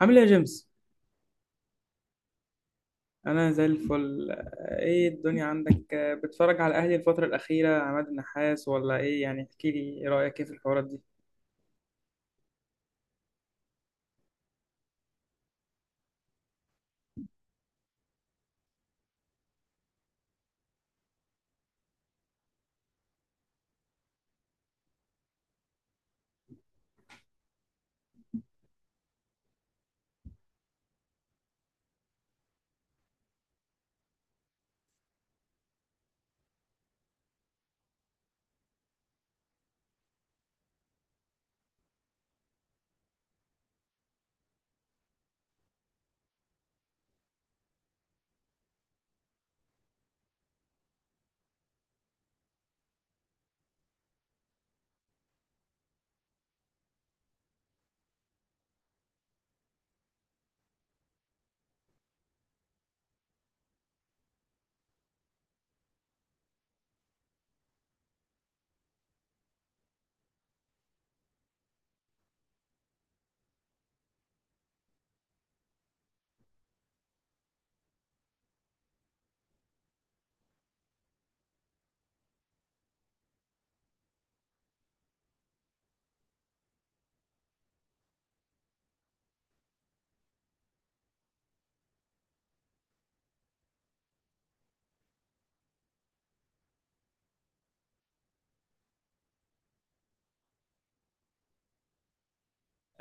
عامل ايه يا جيمس؟ أنا زي الفل، إيه الدنيا عندك؟ بتتفرج على الأهلي الفترة الأخيرة عماد النحاس ولا إيه يعني؟ احكي لي إيه رأيك إيه في الحوارات دي؟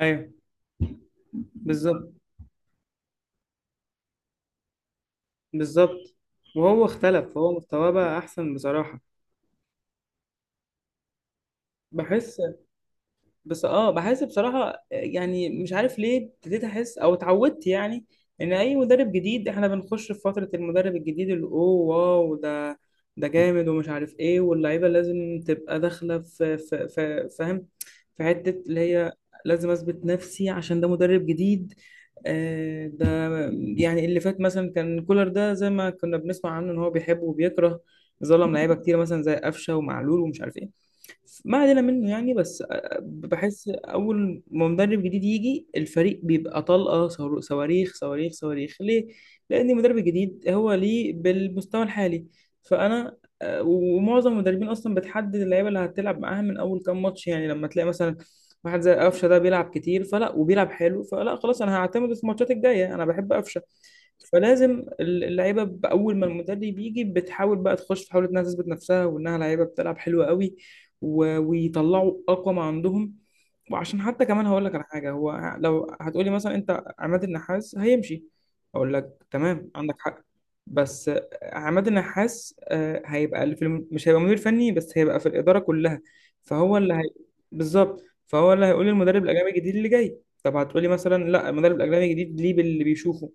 أيوه، بالظبط. بالظبط. وهو اختلف، هو مستواه بقى أحسن بصراحة. بحس. بس بحس بصراحة، يعني مش عارف ليه ابتديت احس او اتعودت يعني ان اي مدرب جديد احنا بنخش في فترة المدرب الجديد اللي اوه، واو، ده جامد ومش عارف ايه، واللعيبة لازم تبقى داخلة في فاهم، في حتة اللي هي لازم اثبت نفسي عشان ده مدرب جديد. ده يعني اللي فات مثلا كان كولر، ده زي ما كنا بنسمع عنه ان هو بيحب وبيكره، ظلم لعيبة كتير مثلا زي قفشة ومعلول ومش عارف ايه. ما علينا منه يعني. بس بحس اول ما مدرب جديد يجي الفريق بيبقى طلقه، صواريخ صواريخ صواريخ، ليه؟ لان المدرب الجديد هو ليه بالمستوى الحالي، فانا ومعظم المدربين اصلا بتحدد اللعيبه اللي هتلعب معاها من اول كام ماتش. يعني لما تلاقي مثلا واحد زي قفشه ده بيلعب كتير فلا وبيلعب حلو فلا، خلاص انا هعتمد في الماتشات الجايه، انا بحب قفشه. فلازم اللعيبه باول ما المدرب يجي بتحاول بقى تخش، تحاول انها تثبت نفسها وانها لعيبه بتلعب حلوه قوي ويطلعوا اقوى ما عندهم. وعشان حتى كمان هقول لك على حاجه، هو لو هتقولي مثلا انت عماد النحاس هيمشي، اقول لك تمام عندك حق. بس عماد النحاس هيبقى اللي مش هيبقى مدير فني بس، هيبقى في الاداره كلها. فهو اللي هي... بالظبط. فهو اللي هيقول للمدرب الاجنبي الجديد اللي جاي. طب هتقولي مثلا لا، المدرب الاجنبي الجديد ليه باللي بيشوفه.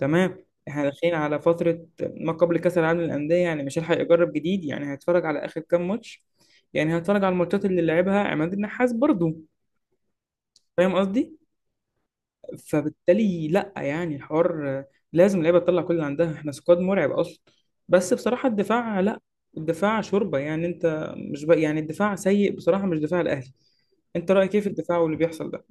تمام، احنا داخلين على فتره ما قبل كاس العالم للانديه، يعني مش هيلحق يجرب جديد. يعني هيتفرج على اخر كام ماتش، يعني هتفرج على الماتشات اللي لعبها عماد النحاس برضو. فاهم قصدي؟ فبالتالي لا يعني، الحوار لازم اللعيبه تطلع كل اللي عندها، احنا سكواد مرعب اصلا. بس بصراحه الدفاع لا، الدفاع شوربه يعني. انت مش يعني الدفاع سيء بصراحه، مش دفاع الاهلي. انت رايك ايه في الدفاع واللي بيحصل ده؟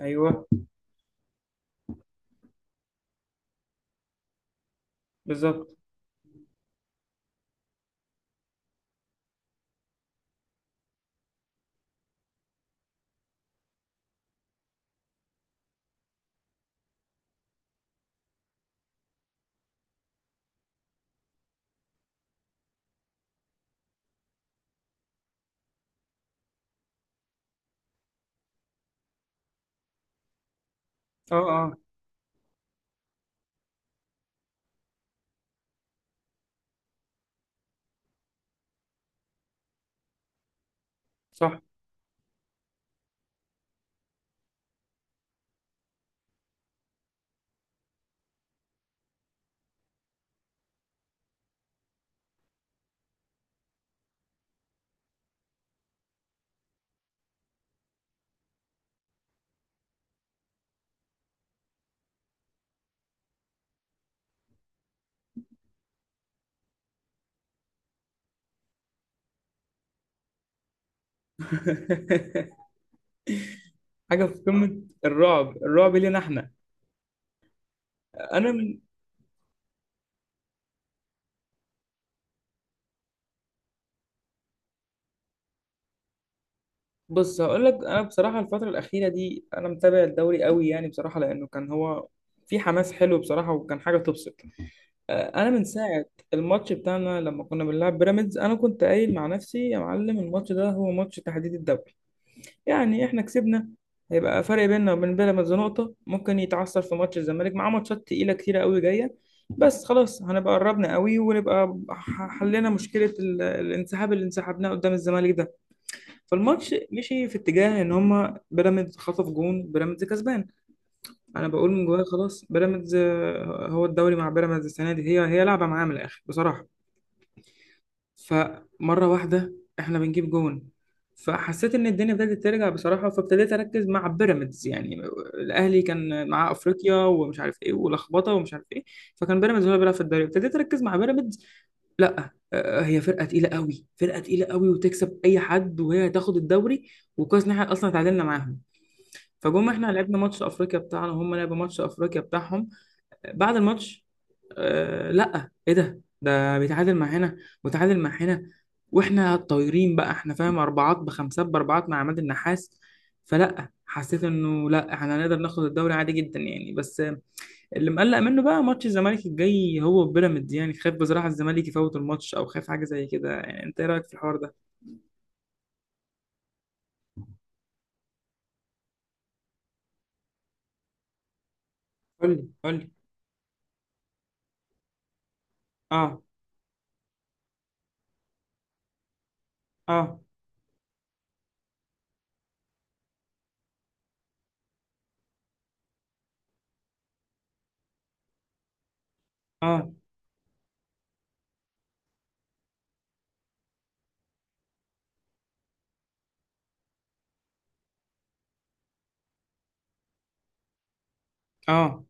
ايوه. بالظبط. اه، اه، صح. حاجه في قمه الرعب، الرعب لينا احنا. انا من بص، هقول لك انا بصراحه الفتره الاخيره دي انا متابع الدوري قوي يعني بصراحه، لانه كان هو في حماس حلو بصراحه وكان حاجه تبسط. انا من ساعه الماتش بتاعنا لما كنا بنلعب بيراميدز، انا كنت قايل مع نفسي يا معلم، الماتش ده هو ماتش تحديد الدوري. يعني احنا كسبنا، هيبقى فرق بيننا وبين بيراميدز نقطه، ممكن يتعثر في ماتش الزمالك، معاه ماتشات تقيله كتيره قوي جايه، بس خلاص هنبقى قربنا قوي ونبقى حلينا مشكله الانسحاب اللي انسحبناه قدام الزمالك ده. فالماتش مشي في اتجاه ان هما بيراميدز خطف جون، بيراميدز كسبان. انا بقول من جوايا خلاص بيراميدز، هو الدوري مع بيراميدز السنه دي هي لعبه معاه من الاخر بصراحه. فمره واحده احنا بنجيب جون، فحسيت ان الدنيا بدات ترجع بصراحه، فابتديت اركز مع بيراميدز يعني. الاهلي كان معاه افريقيا ومش عارف ايه ولخبطه ومش عارف ايه، فكان بيراميدز هو اللي بيلعب في الدوري، ابتديت اركز مع بيراميدز. لا هي فرقه تقيله قوي، فرقه تقيله قوي وتكسب اي حد وهي هتاخد الدوري، وكويس ان احنا اصلا اتعادلنا معاهم. فجم احنا لعبنا ماتش افريقيا بتاعنا، هم لعبوا ماتش افريقيا بتاعهم، بعد الماتش آه لا ايه ده، ده بيتعادل مع هنا وتعادل مع هنا، واحنا طايرين بقى، احنا فاهم اربعات بخمسات باربعات مع عماد النحاس. فلا حسيت انه لا، احنا هنقدر ناخد الدوري عادي جدا يعني. بس اللي مقلق منه بقى ماتش الزمالك الجاي هو بيراميدز، يعني خايف بصراحة الزمالك يفوت الماتش أو خايف حاجة زي كده يعني. أنت إيه رأيك في الحوار ده؟ قول لي، قول لي. آه. آه. آه. آه.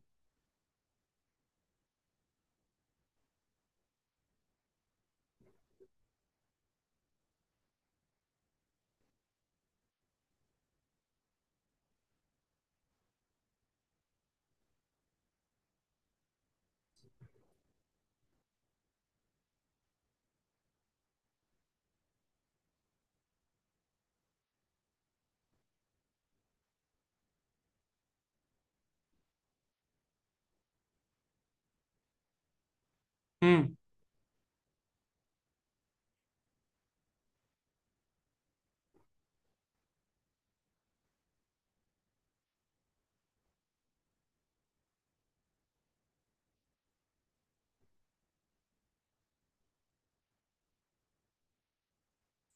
امم.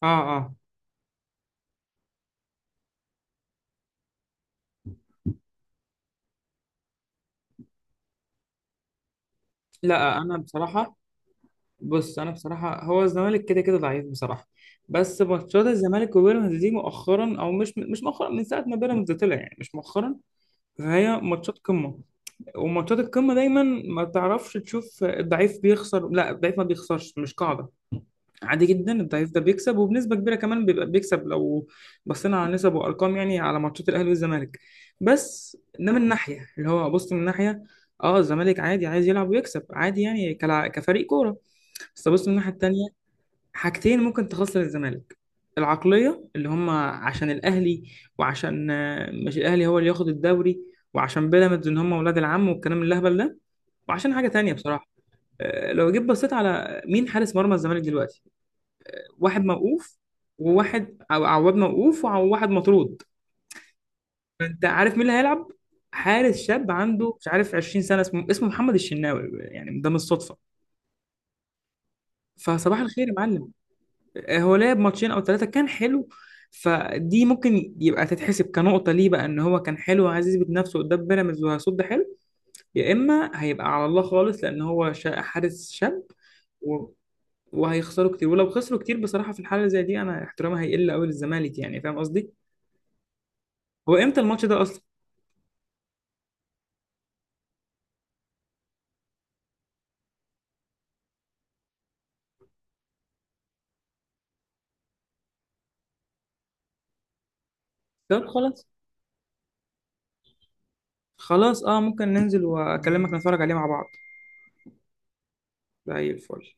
آه. آه. لا، أنا بصراحة. بص، أنا بصراحة هو الزمالك كده كده ضعيف بصراحة. بس ماتشات الزمالك وبيراميدز دي مؤخرا أو مش مؤخرا، من ساعة ما بيراميدز طلع يعني مش مؤخرا، فهي ماتشات قمة، وماتشات القمة دايما ما تعرفش تشوف الضعيف بيخسر، لا الضعيف ما بيخسرش، مش قاعدة. عادي جدا الضعيف ده بيكسب، وبنسبه كبيره كمان بيبقى بيكسب لو بصينا على نسب وارقام يعني على ماتشات الاهلي والزمالك. بس ده من ناحيه اللي هو، بص من ناحيه اه الزمالك عادي عايز يلعب ويكسب عادي يعني كفريق كوره. بس بص من الناحيه التانيه، حاجتين ممكن تخسر الزمالك. العقليه اللي هم عشان الاهلي، وعشان مش الاهلي هو اللي ياخد الدوري، وعشان بيراميدز ان هم ولاد العم والكلام الاهبل ده، وعشان حاجه تانيه بصراحه. لو جيت بصيت على مين حارس مرمى الزمالك دلوقتي، واحد موقوف، وواحد أو عواد موقوف، وواحد مطرود. فأنت عارف مين اللي هيلعب؟ حارس شاب عنده مش عارف 20 سنة، اسمه محمد الشناوي، يعني ده مش صدفة. فصباح الخير يا معلم. هو لعب ماتشين أو 3 كان حلو. فدي ممكن يبقى تتحسب كنقطة ليه بقى، إن هو كان حلو وعايز يثبت نفسه قدام بيراميدز وهيصد حلو. يا إما هيبقى على الله خالص، لأن هو حارس شاب و... وهيخسروا كتير، ولو خسروا كتير بصراحة في الحالة زي دي أنا احترامي هيقل أوي للزمالك يعني. فاهم قصدي؟ هو امتى الماتش ده اصلا؟ طب خلاص. خلاص اه، ممكن ننزل واكلمك نتفرج عليه مع بعض. زي الفل.